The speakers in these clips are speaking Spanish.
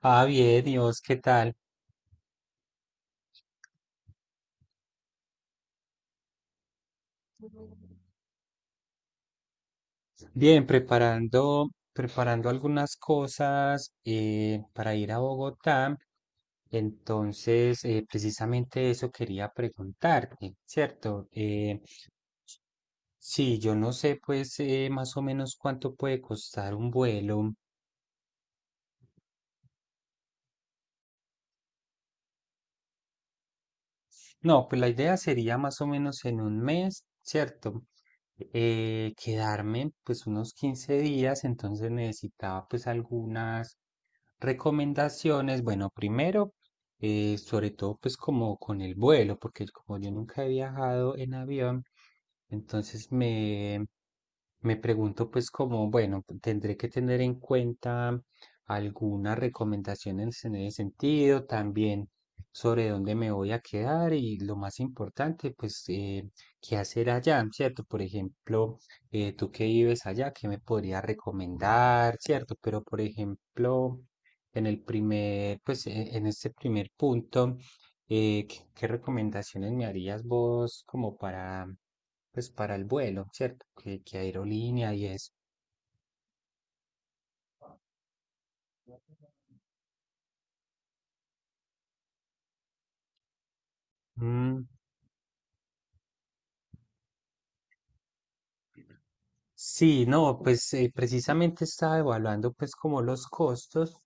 Ah, bien, ¿y vos qué tal? Bien, preparando algunas cosas para ir a Bogotá. Entonces, precisamente eso quería preguntarte, ¿cierto? Sí, yo no sé, pues, más o menos cuánto puede costar un vuelo. No, pues la idea sería más o menos en un mes, ¿cierto? Quedarme, pues, unos 15 días, entonces necesitaba, pues, algunas recomendaciones, bueno, primero, sobre todo pues como con el vuelo, porque como yo nunca he viajado en avión, entonces me pregunto pues como, bueno, tendré que tener en cuenta algunas recomendaciones en ese sentido, también sobre dónde me voy a quedar y lo más importante, pues, qué hacer allá, ¿cierto? Por ejemplo, tú que vives allá, ¿qué me podrías recomendar? ¿Cierto? Pero, por ejemplo, en el primer, pues, en este primer punto. ¿Qué recomendaciones me harías vos como para, pues para el vuelo, ¿cierto? ¿Qué aerolínea y eso? Mm. Sí, no, pues precisamente estaba evaluando pues como los costos,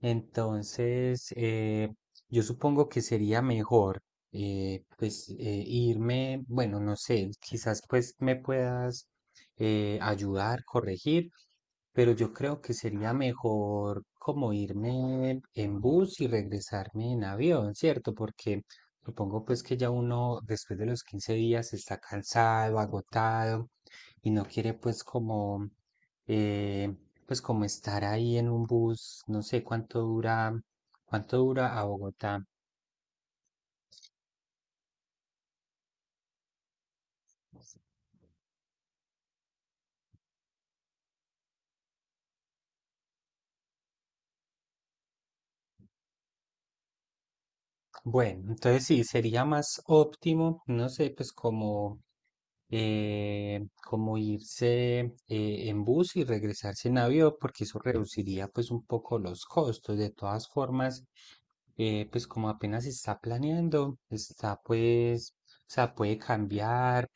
entonces yo supongo que sería mejor pues irme, bueno, no sé, quizás pues me puedas ayudar, corregir, pero yo creo que sería mejor como irme en bus y regresarme en avión, ¿cierto? Porque supongo pues que ya uno después de los 15 días está cansado, agotado y no quiere eh, pues como estar ahí en un bus, no sé cuánto dura a Bogotá. Bueno, entonces sí, sería más óptimo, no sé, pues como, como irse en bus y regresarse en avión, porque eso reduciría pues un poco los costos. De todas formas, pues como apenas se está planeando, está pues, o sea, puede cambiar.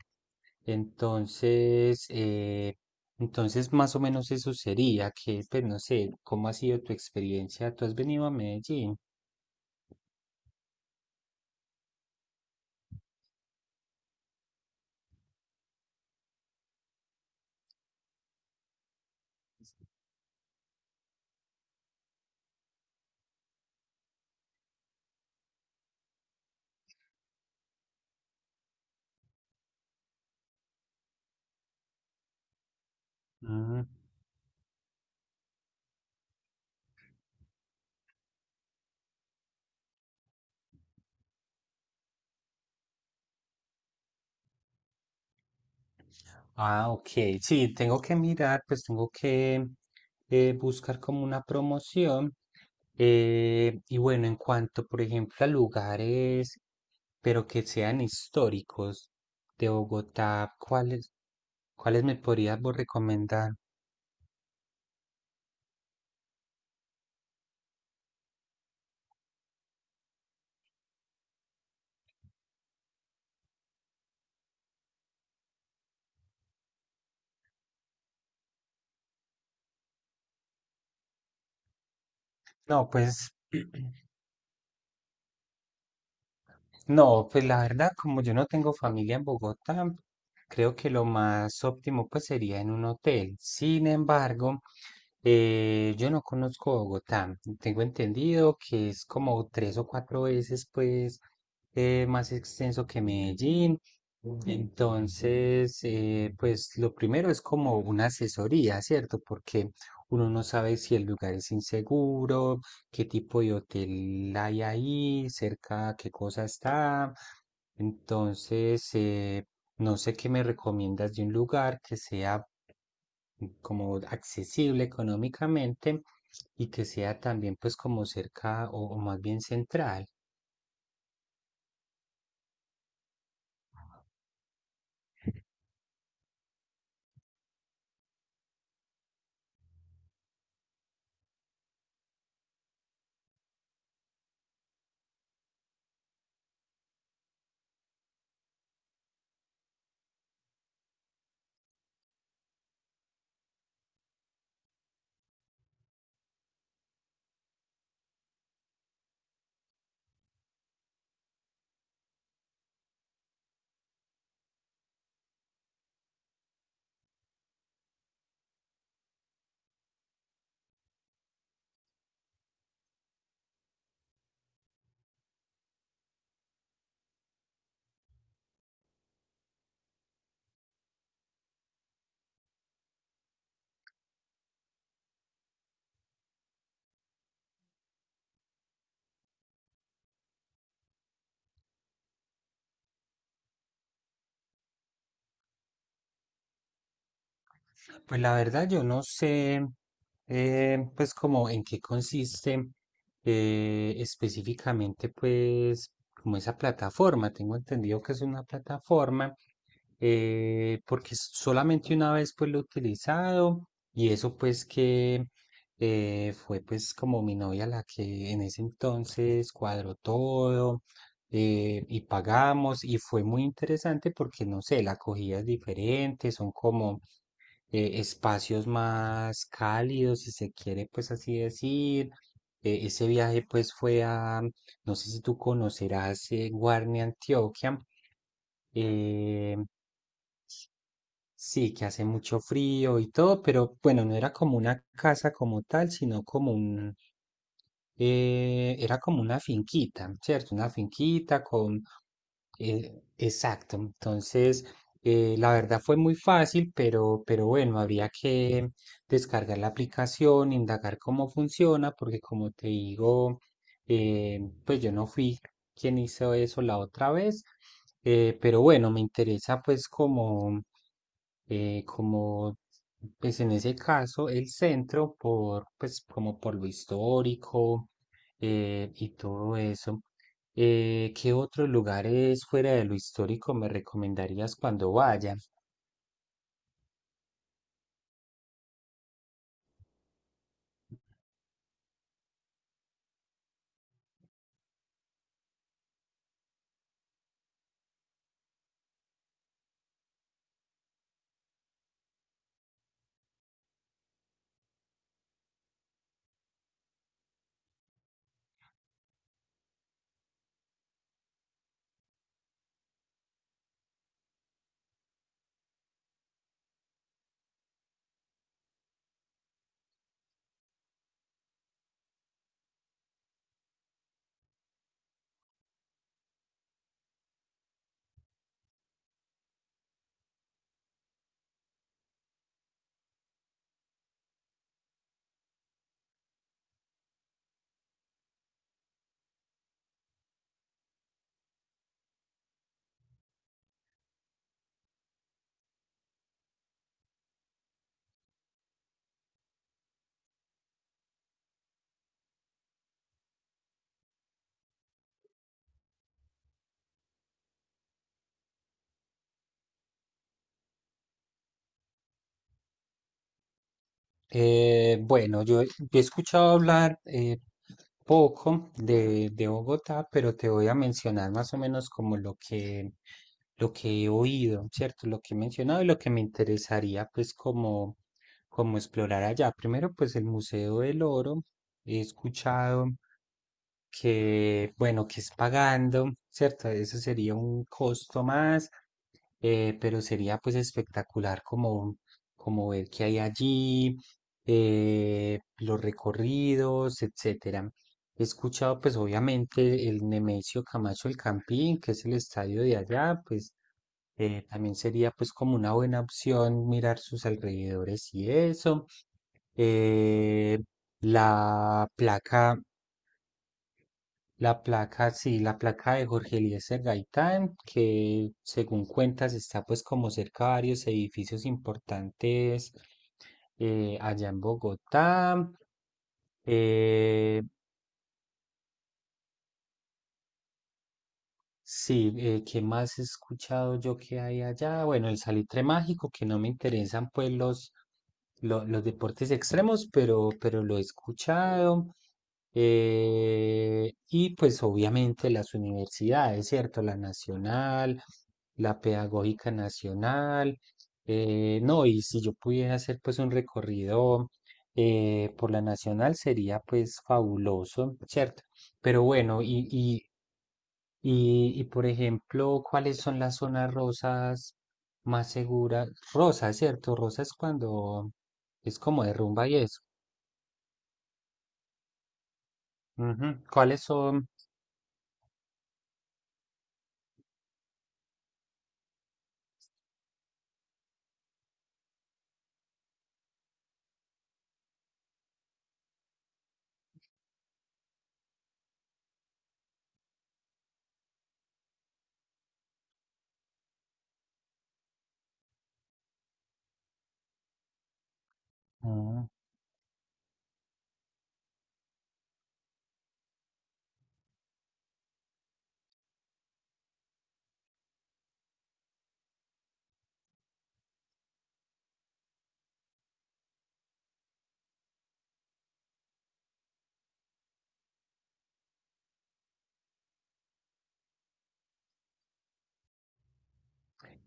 Entonces, eh, entonces, más o menos eso sería, que pues no sé, ¿cómo ha sido tu experiencia? ¿Tú has venido a Medellín? Mm. Ah, ok, sí, tengo que mirar, pues tengo que buscar como una promoción. Y bueno, en cuanto, por ejemplo, a lugares, pero que sean históricos de Bogotá, ¿cuáles me podrías vos recomendar? No, pues no, pues la verdad, como yo no tengo familia en Bogotá, creo que lo más óptimo pues sería en un hotel. Sin embargo, yo no conozco Bogotá. Tengo entendido que es como 3 o 4 veces pues más extenso que Medellín. Entonces, pues lo primero es como una asesoría, ¿cierto? Porque uno no sabe si el lugar es inseguro, qué tipo de hotel hay ahí, cerca qué cosa está. Entonces, no sé qué me recomiendas de un lugar que sea como accesible económicamente y que sea también pues como cerca o más bien central. Pues la verdad yo no sé pues como en qué consiste específicamente pues como esa plataforma. Tengo entendido que es una plataforma porque solamente una vez pues lo he utilizado y eso pues que fue pues como mi novia la que en ese entonces cuadró todo y pagamos y fue muy interesante porque no sé, la acogida es diferente, son como espacios más cálidos si se quiere pues así decir. Ese viaje pues fue a, no sé si tú conocerás Guarne, Antioquia. eh, Sí, que hace mucho frío y todo, pero bueno, no era como una casa como tal, sino como era como una finquita, ¿cierto? Una finquita con. Exacto. Entonces, la verdad fue muy fácil, pero bueno, había que descargar la aplicación, indagar cómo funciona, porque como te digo, pues yo no fui quien hizo eso la otra vez, pero bueno, me interesa pues como pues en ese caso, el centro, pues como por lo histórico y todo eso, ¿qué otros lugares fuera de lo histórico me recomendarías cuando vaya? Bueno, yo he escuchado hablar poco de Bogotá, pero te voy a mencionar más o menos como lo que, he oído, ¿cierto? Lo que he mencionado y lo que me interesaría pues como, como explorar allá. Primero pues el Museo del Oro, he escuchado que, bueno, que es pagando, ¿cierto? Eso sería un costo más, pero sería pues espectacular como, como ver qué hay allí, los recorridos, etcétera. He escuchado pues obviamente el Nemesio Camacho El Campín, que es el estadio de allá, pues también sería pues como una buena opción mirar sus alrededores y eso. Eh, la placa la placa, sí, la placa de Jorge Eliezer Gaitán, que según cuentas está pues como cerca de varios edificios importantes allá en Bogotá. Eh, Sí, ¿qué más he escuchado yo que hay allá? Bueno, el salitre mágico, que no me interesan pues los deportes extremos, pero lo he escuchado. Y pues obviamente las universidades, ¿cierto? La nacional, la pedagógica nacional. No, y si yo pudiera hacer pues un recorrido por la nacional sería pues fabuloso, ¿cierto? Pero bueno, y, por ejemplo, ¿cuáles son las zonas rosas más seguras? Rosa, ¿cierto? Rosa es cuando es como de rumba y eso. Ujú. ¿Cuáles son? Mm.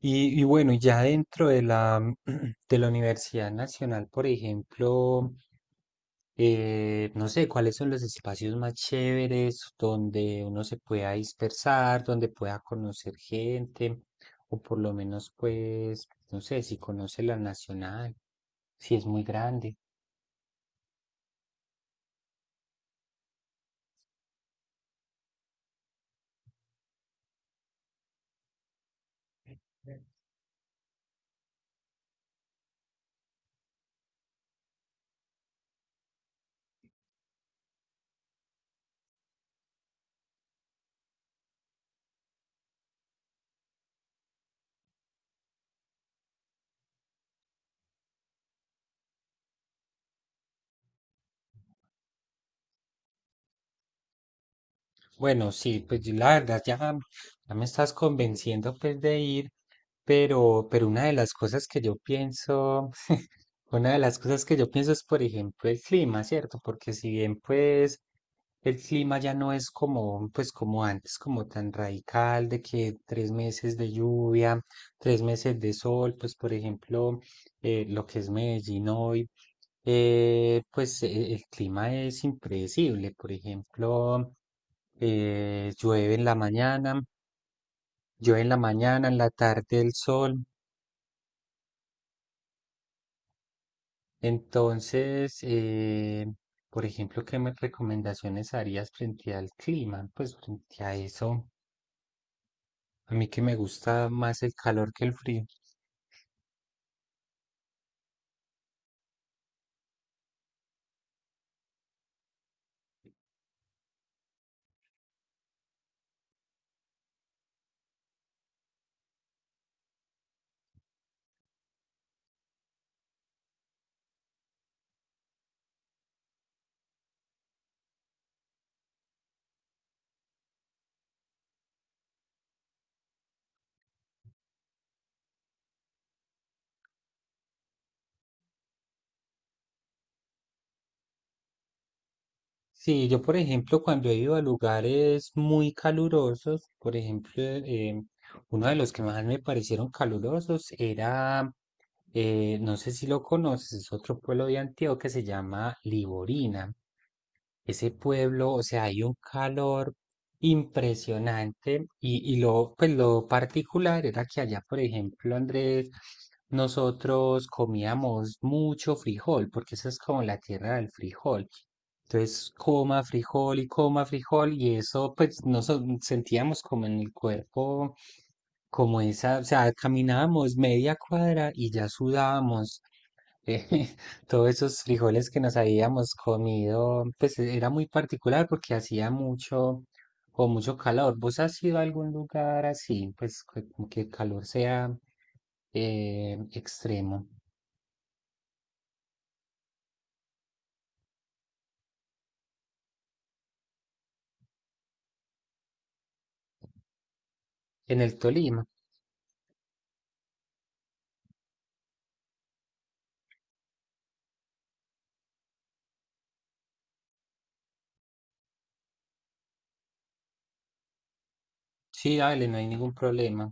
Y bueno, y ya dentro de la, de la Universidad Nacional, por ejemplo, no sé, cuáles son los espacios más chéveres donde uno se pueda dispersar, donde pueda conocer gente, o por lo menos, pues, no sé, si conoce la Nacional, si es muy grande. Bueno, sí, pues yo la verdad ya me estás convenciendo pues de ir, pero una de las cosas que yo pienso, una de las cosas que yo pienso es, por ejemplo, el clima, ¿cierto? Porque si bien pues el clima ya no es como, pues como antes, como tan radical de que 3 meses de lluvia, 3 meses de sol, pues por ejemplo, lo que es Medellín hoy, pues el clima es impredecible. Por ejemplo, llueve en la mañana, en la tarde el sol. Entonces, por ejemplo, ¿qué me recomendaciones harías frente al clima? Pues frente a eso, a mí que me gusta más el calor que el frío. Sí, yo por ejemplo cuando he ido a lugares muy calurosos, por ejemplo, uno de los que más me parecieron calurosos era no sé si lo conoces, es otro pueblo de Antioquia que se llama Liborina. Ese pueblo, o sea, hay un calor impresionante y pues lo particular era que allá, por ejemplo, Andrés, nosotros comíamos mucho frijol, porque esa es como la tierra del frijol. Entonces, coma frijol, y eso, pues, nos sentíamos como en el cuerpo, como esa, o sea, caminábamos media cuadra y ya sudábamos eh, todos esos frijoles que nos habíamos comido, pues era muy particular porque hacía mucho calor. ¿Vos has ido a algún lugar así, pues como que el calor sea extremo? En el Tolima. Sí, dale, no hay ningún problema.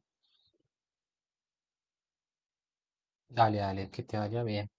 Dale, dale, que te vaya bien.